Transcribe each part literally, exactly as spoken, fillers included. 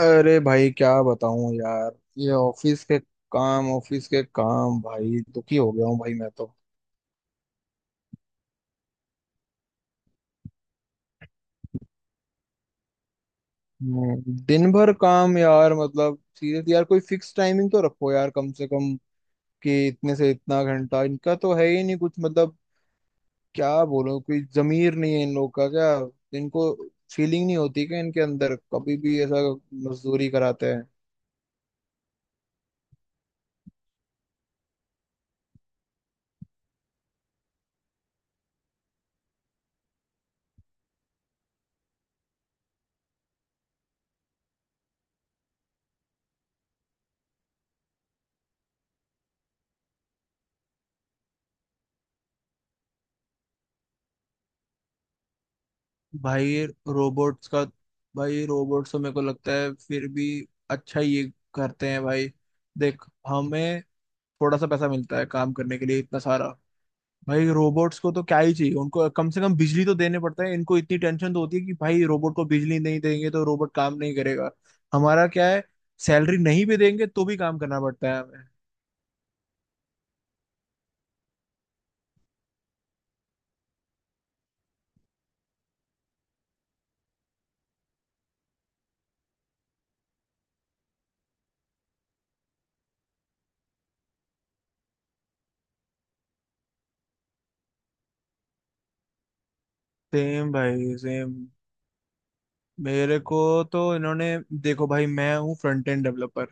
अरे भाई, क्या बताऊं यार। ये ऑफिस के काम ऑफिस के काम भाई, दुखी हो गया हूँ भाई मैं तो। हम्म, दिन भर काम यार, मतलब सीरियसली यार, कोई फिक्स टाइमिंग तो रखो यार कम से कम, कि इतने से इतना घंटा इनका तो है ही नहीं कुछ, मतलब क्या बोलो, कोई जमीर नहीं है इन लोग का क्या? इनको फीलिंग नहीं होती क्या इनके अंदर कभी भी ऐसा? मजदूरी कराते हैं। भाई, रोबोट्स का? भाई, रोबोट्स तो मेरे को लगता है फिर भी अच्छा ये करते हैं भाई। देख, हमें थोड़ा सा पैसा मिलता है काम करने के लिए इतना सारा। भाई, रोबोट्स को तो क्या ही चाहिए, उनको कम से कम बिजली तो देने पड़ता है। इनको इतनी टेंशन तो होती है कि भाई रोबोट को बिजली नहीं देंगे तो रोबोट काम नहीं करेगा। हमारा क्या है, सैलरी नहीं भी देंगे तो भी काम करना पड़ता है हमें। सेम भाई सेम। मेरे को, तो इन्होंने, देखो भाई, मैं हूँ फ्रंट एंड डेवलपर।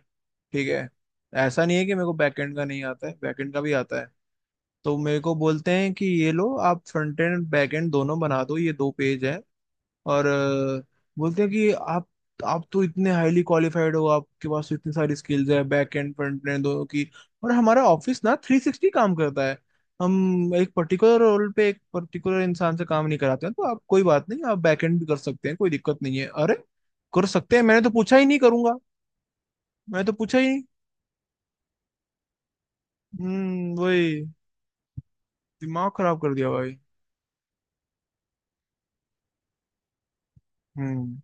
ठीक है। ऐसा नहीं है कि मेरे को बैकएंड का नहीं आता है, बैकएंड का भी आता है। तो मेरे को बोलते हैं कि ये लो, आप फ्रंट एंड बैक एंड दोनों बना दो, ये दो पेज है। और अ, बोलते हैं कि आप आप तो इतने हाईली क्वालिफाइड हो, आपके पास तो इतनी सारी स्किल्स है, बैक एंड फ्रंट एंड दोनों की। और हमारा ऑफिस ना थ्री सिक्सटी काम करता है। हम एक पर्टिकुलर रोल पे एक पर्टिकुलर इंसान से काम नहीं कराते हैं, तो आप कोई बात नहीं, आप बैक एंड भी कर सकते हैं, कोई दिक्कत नहीं है। अरे, कर सकते हैं! मैंने तो पूछा ही नहीं, करूंगा। मैंने तो पूछा ही नहीं। हम्म वही, दिमाग खराब कर दिया भाई। हम्म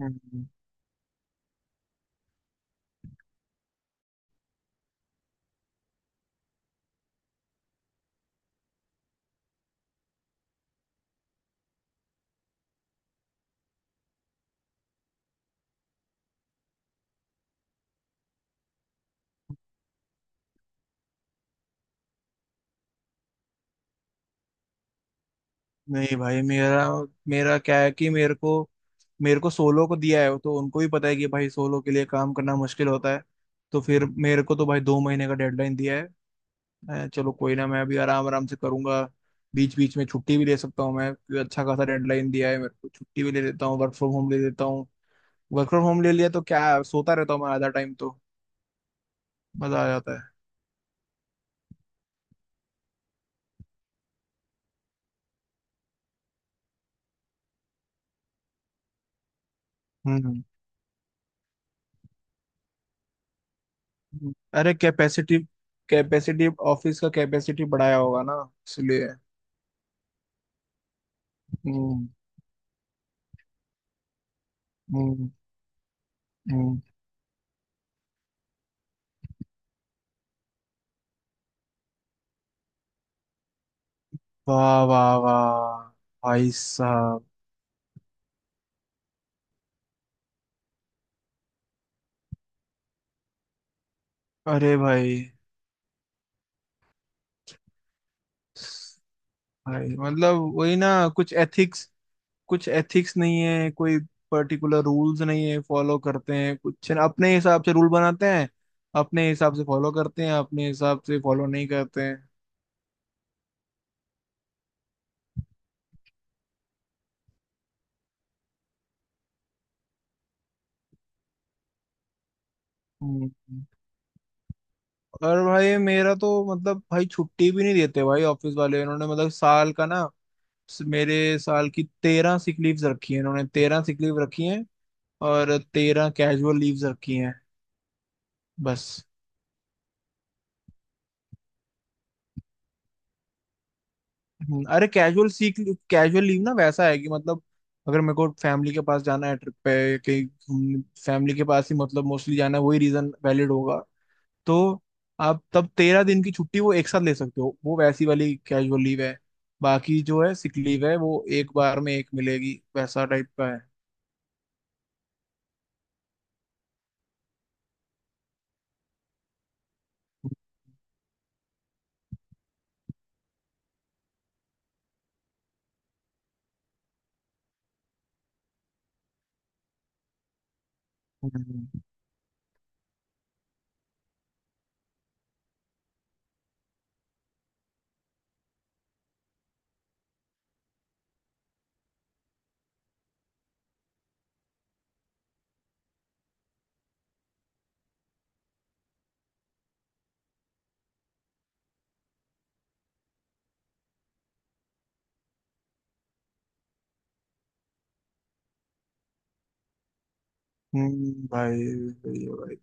हम्म। नहीं भाई, मेरा मेरा क्या है कि मेरे को मेरे को सोलो को दिया है, तो उनको भी पता है कि भाई सोलो के लिए काम करना मुश्किल होता है। तो फिर मेरे को तो भाई दो महीने का डेडलाइन दिया है। मैं- चलो कोई ना, मैं अभी आराम आराम से करूंगा। बीच बीच में छुट्टी भी ले सकता हूँ मैं, क्योंकि अच्छा खासा डेडलाइन दिया है मेरे को, छुट्टी भी ले लेता हूँ, वर्क फ्रॉम होम ले लेता हूँ। वर्क फ्रॉम होम ले लिया तो क्या है, सोता रहता हूँ मैं आधा टाइम तो। मजा आ जाता है। हम्म हम्म। अरे, कैपेसिटी कैपेसिटी, ऑफिस का कैपेसिटी बढ़ाया होगा ना, इसलिए। हम्म हम्म हम्म। वाह वाह वाह! भाई साहब! अरे भाई! भाई मतलब वही ना, कुछ एथिक्स कुछ एथिक्स नहीं है कोई, पर्टिकुलर रूल्स नहीं है, फॉलो करते हैं कुछ ना अपने हिसाब से, रूल बनाते हैं अपने हिसाब से, फॉलो करते हैं अपने हिसाब से, फॉलो नहीं करते हैं। हम्म हम्म। और भाई मेरा तो मतलब भाई, छुट्टी भी नहीं देते भाई ऑफिस वाले इन्होंने, मतलब साल का ना, स- मेरे साल की तेरह सिक लीव्स रखी है इन्होंने, तेरह सिक लीव रखी है। और तेरह कैजुअल लीव्स रखी हैं, बस। हम्म, अरे, कैजुअल सीक कैजुअल लीव ना वैसा है कि, मतलब अगर मेरे को फैमिली के पास जाना है ट्रिप पे कहीं। हम्म, फैमिली के पास ही मतलब मोस्टली जाना है, वही रीजन वैलिड होगा। तो आप तब तेरह दिन की छुट्टी वो एक साथ ले सकते हो, वो वैसी वाली कैजुअल लीव है। बाकी जो है सिक लीव है, वो एक बार में एक मिलेगी, वैसा टाइप का है। हम्म हम्म। भाई, सही है भाई।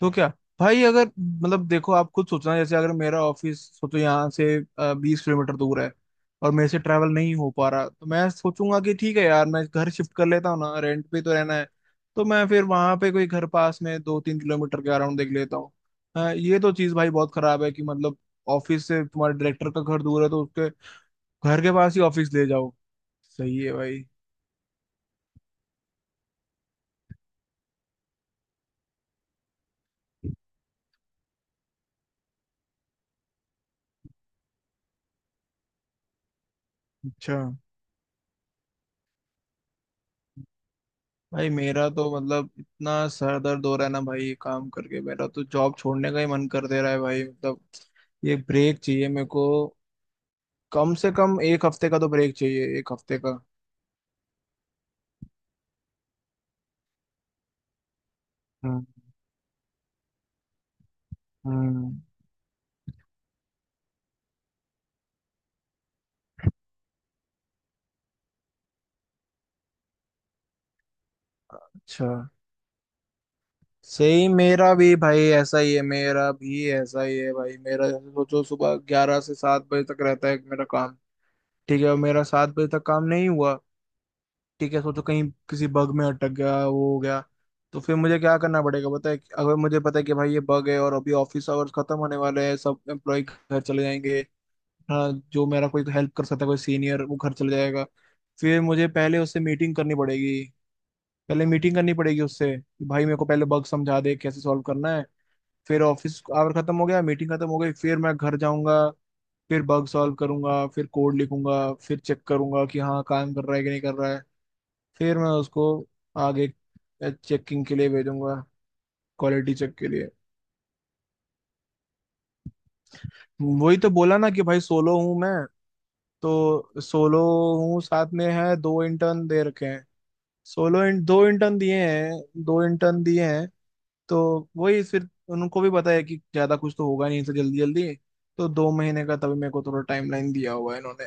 तो क्या भाई, अगर मतलब देखो आप खुद सोचना, जैसे अगर मेरा ऑफिस सोचो यहाँ से बीस किलोमीटर दूर है, और मेरे से ट्रैवल नहीं हो पा रहा, तो मैं सोचूंगा कि ठीक है यार, मैं घर शिफ्ट कर लेता हूँ ना, रेंट पे तो रहना है। तो मैं फिर वहां पे कोई घर पास में दो तीन किलोमीटर के अराउंड देख लेता हूँ। हाँ, ये तो चीज़ भाई बहुत खराब है कि, मतलब ऑफिस से तुम्हारे डायरेक्टर का घर दूर है तो उसके घर के पास ही ऑफिस ले जाओ। सही है भाई। अच्छा, भाई मेरा तो मतलब इतना सर दर्द हो रहा है ना भाई, ये काम करके मेरा तो जॉब छोड़ने का ही मन कर दे रहा है भाई, मतलब ये ब्रेक चाहिए मेरे को। कम से कम एक हफ्ते का तो ब्रेक चाहिए, एक हफ्ते का। हम्म हम्म। अच्छा, सही। मेरा भी भाई ऐसा ही है, मेरा भी ऐसा ही है भाई। मेरा जैसे सोचो, सुबह ग्यारह से सात बजे तक रहता है मेरा काम। ठीक है। और मेरा सात बजे तक काम नहीं हुआ, ठीक है, सोचो कहीं किसी बग में अटक गया, वो हो गया। तो फिर मुझे क्या करना पड़ेगा, पता है? अगर मुझे पता है कि भाई ये बग है और अभी ऑफिस आवर्स खत्म होने वाले हैं, सब एम्प्लॉय घर चले जाएंगे, हाँ, जो मेरा कोई हेल्प कर सकता है, कोई सीनियर, वो घर चले जाएगा। फिर मुझे पहले उससे मीटिंग करनी पड़ेगी, पहले मीटिंग करनी पड़ेगी उससे, कि भाई मेरे को पहले बग समझा दे कैसे सॉल्व करना है। फिर ऑफिस आवर खत्म हो गया, मीटिंग खत्म हो गई, फिर मैं घर जाऊंगा, फिर बग सॉल्व करूंगा, फिर कोड लिखूंगा, फिर चेक करूंगा कि हाँ काम कर रहा है कि नहीं कर रहा है, फिर मैं उसको आगे चेकिंग के लिए भेजूंगा, क्वालिटी चेक के लिए। वही तो बोला ना कि भाई, सोलो हूँ मैं, तो सोलो हूँ, साथ में है दो इंटर्न दे रखे हैं। सोलो इन, दो इंटर्न दिए हैं, दो इंटर्न दिए हैं। तो वही फिर, उनको भी पता है कि ज्यादा कुछ तो होगा नहीं इनसे जल्दी जल्दी। तो दो महीने का तभी मेरे को थोड़ा टाइमलाइन दिया हुआ है इन्होंने।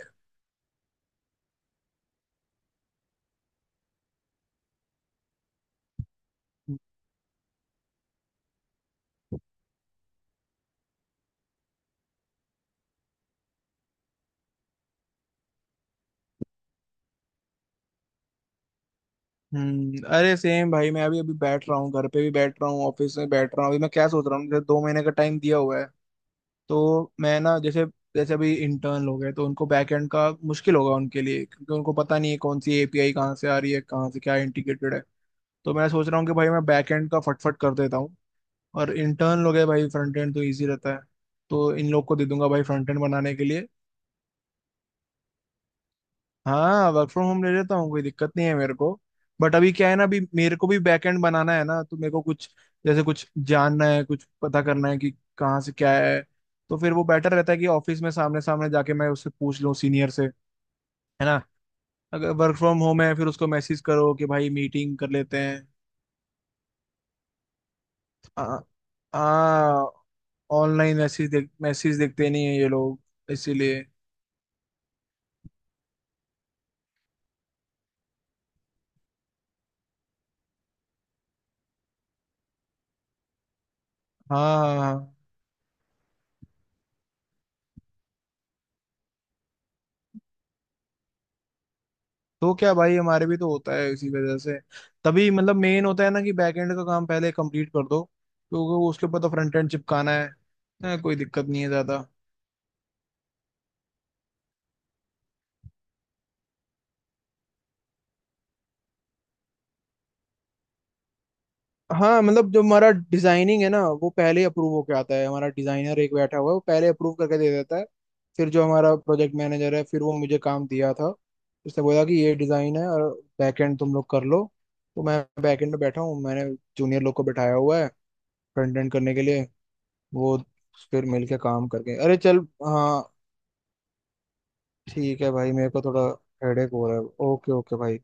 हम्म अरे सेम भाई, मैं अभी अभी बैठ रहा हूँ, घर पे भी बैठ रहा हूँ, ऑफिस में बैठ रहा हूँ, अभी मैं क्या सोच रहा हूँ, जैसे दो महीने का टाइम दिया हुआ है, तो मैं ना जैसे, जैसे अभी इंटर्न लोग हैं तो उनको बैकएंड का मुश्किल होगा उनके लिए, क्योंकि उनको पता नहीं है कौन सी एपीआई कहाँ से आ रही है, कहाँ से क्या इंटीग्रेटेड है। तो मैं सोच रहा हूँ कि भाई, मैं बैकएंड का फटफट कर देता हूँ, और इंटर्न लोग है भाई, फ्रंट एंड तो ईजी रहता है, तो इन लोग को दे दूंगा भाई फ्रंट एंड बनाने के लिए। हाँ, वर्क फ्रॉम होम ले लेता हूँ, कोई दिक्कत नहीं है मेरे को। बट अभी क्या है ना, अभी मेरे को भी बैकएंड बनाना है ना, तो मेरे को कुछ जैसे कुछ जानना है, कुछ पता करना है कि कहाँ से क्या है। तो फिर वो बेटर रहता है कि ऑफिस में सामने सामने जाके मैं उससे पूछ लूँ, सीनियर से है ना, अगर वर्क फ्रॉम होम है फिर उसको मैसेज करो कि भाई मीटिंग कर लेते हैं। आ, आ, ऑनलाइन मैसेज देख, मैसेज देखते नहीं है ये लोग, इसीलिए। हाँ हाँ हाँ, तो क्या भाई, हमारे भी तो होता है इसी वजह से। तभी मतलब मेन होता है ना कि बैकएंड का काम पहले कंप्लीट कर दो, क्योंकि उसके ऊपर तो फ्रंट एंड चिपकाना है। हाँ, कोई दिक्कत नहीं है ज्यादा। हाँ, मतलब जो हमारा डिजाइनिंग है ना, वो पहले अप्रूव होके आता है, हमारा डिजाइनर एक बैठा हुआ है, वो पहले अप्रूव करके दे देता है। फिर जो हमारा प्रोजेक्ट मैनेजर है, फिर वो मुझे काम दिया था, उसने बोला कि ये डिजाइन है, और बैकएंड तुम लोग कर लो। तो मैं बैकएंड में बैठा हूँ, मैंने जूनियर लोग को बैठाया हुआ है फ्रंट एंड करने के लिए। वो, फिर मिलके काम करके, अरे चल। हाँ। ठीक है भाई, मेरे को थोड़ा हेडेक हो रहा है। ओके ओके भाई।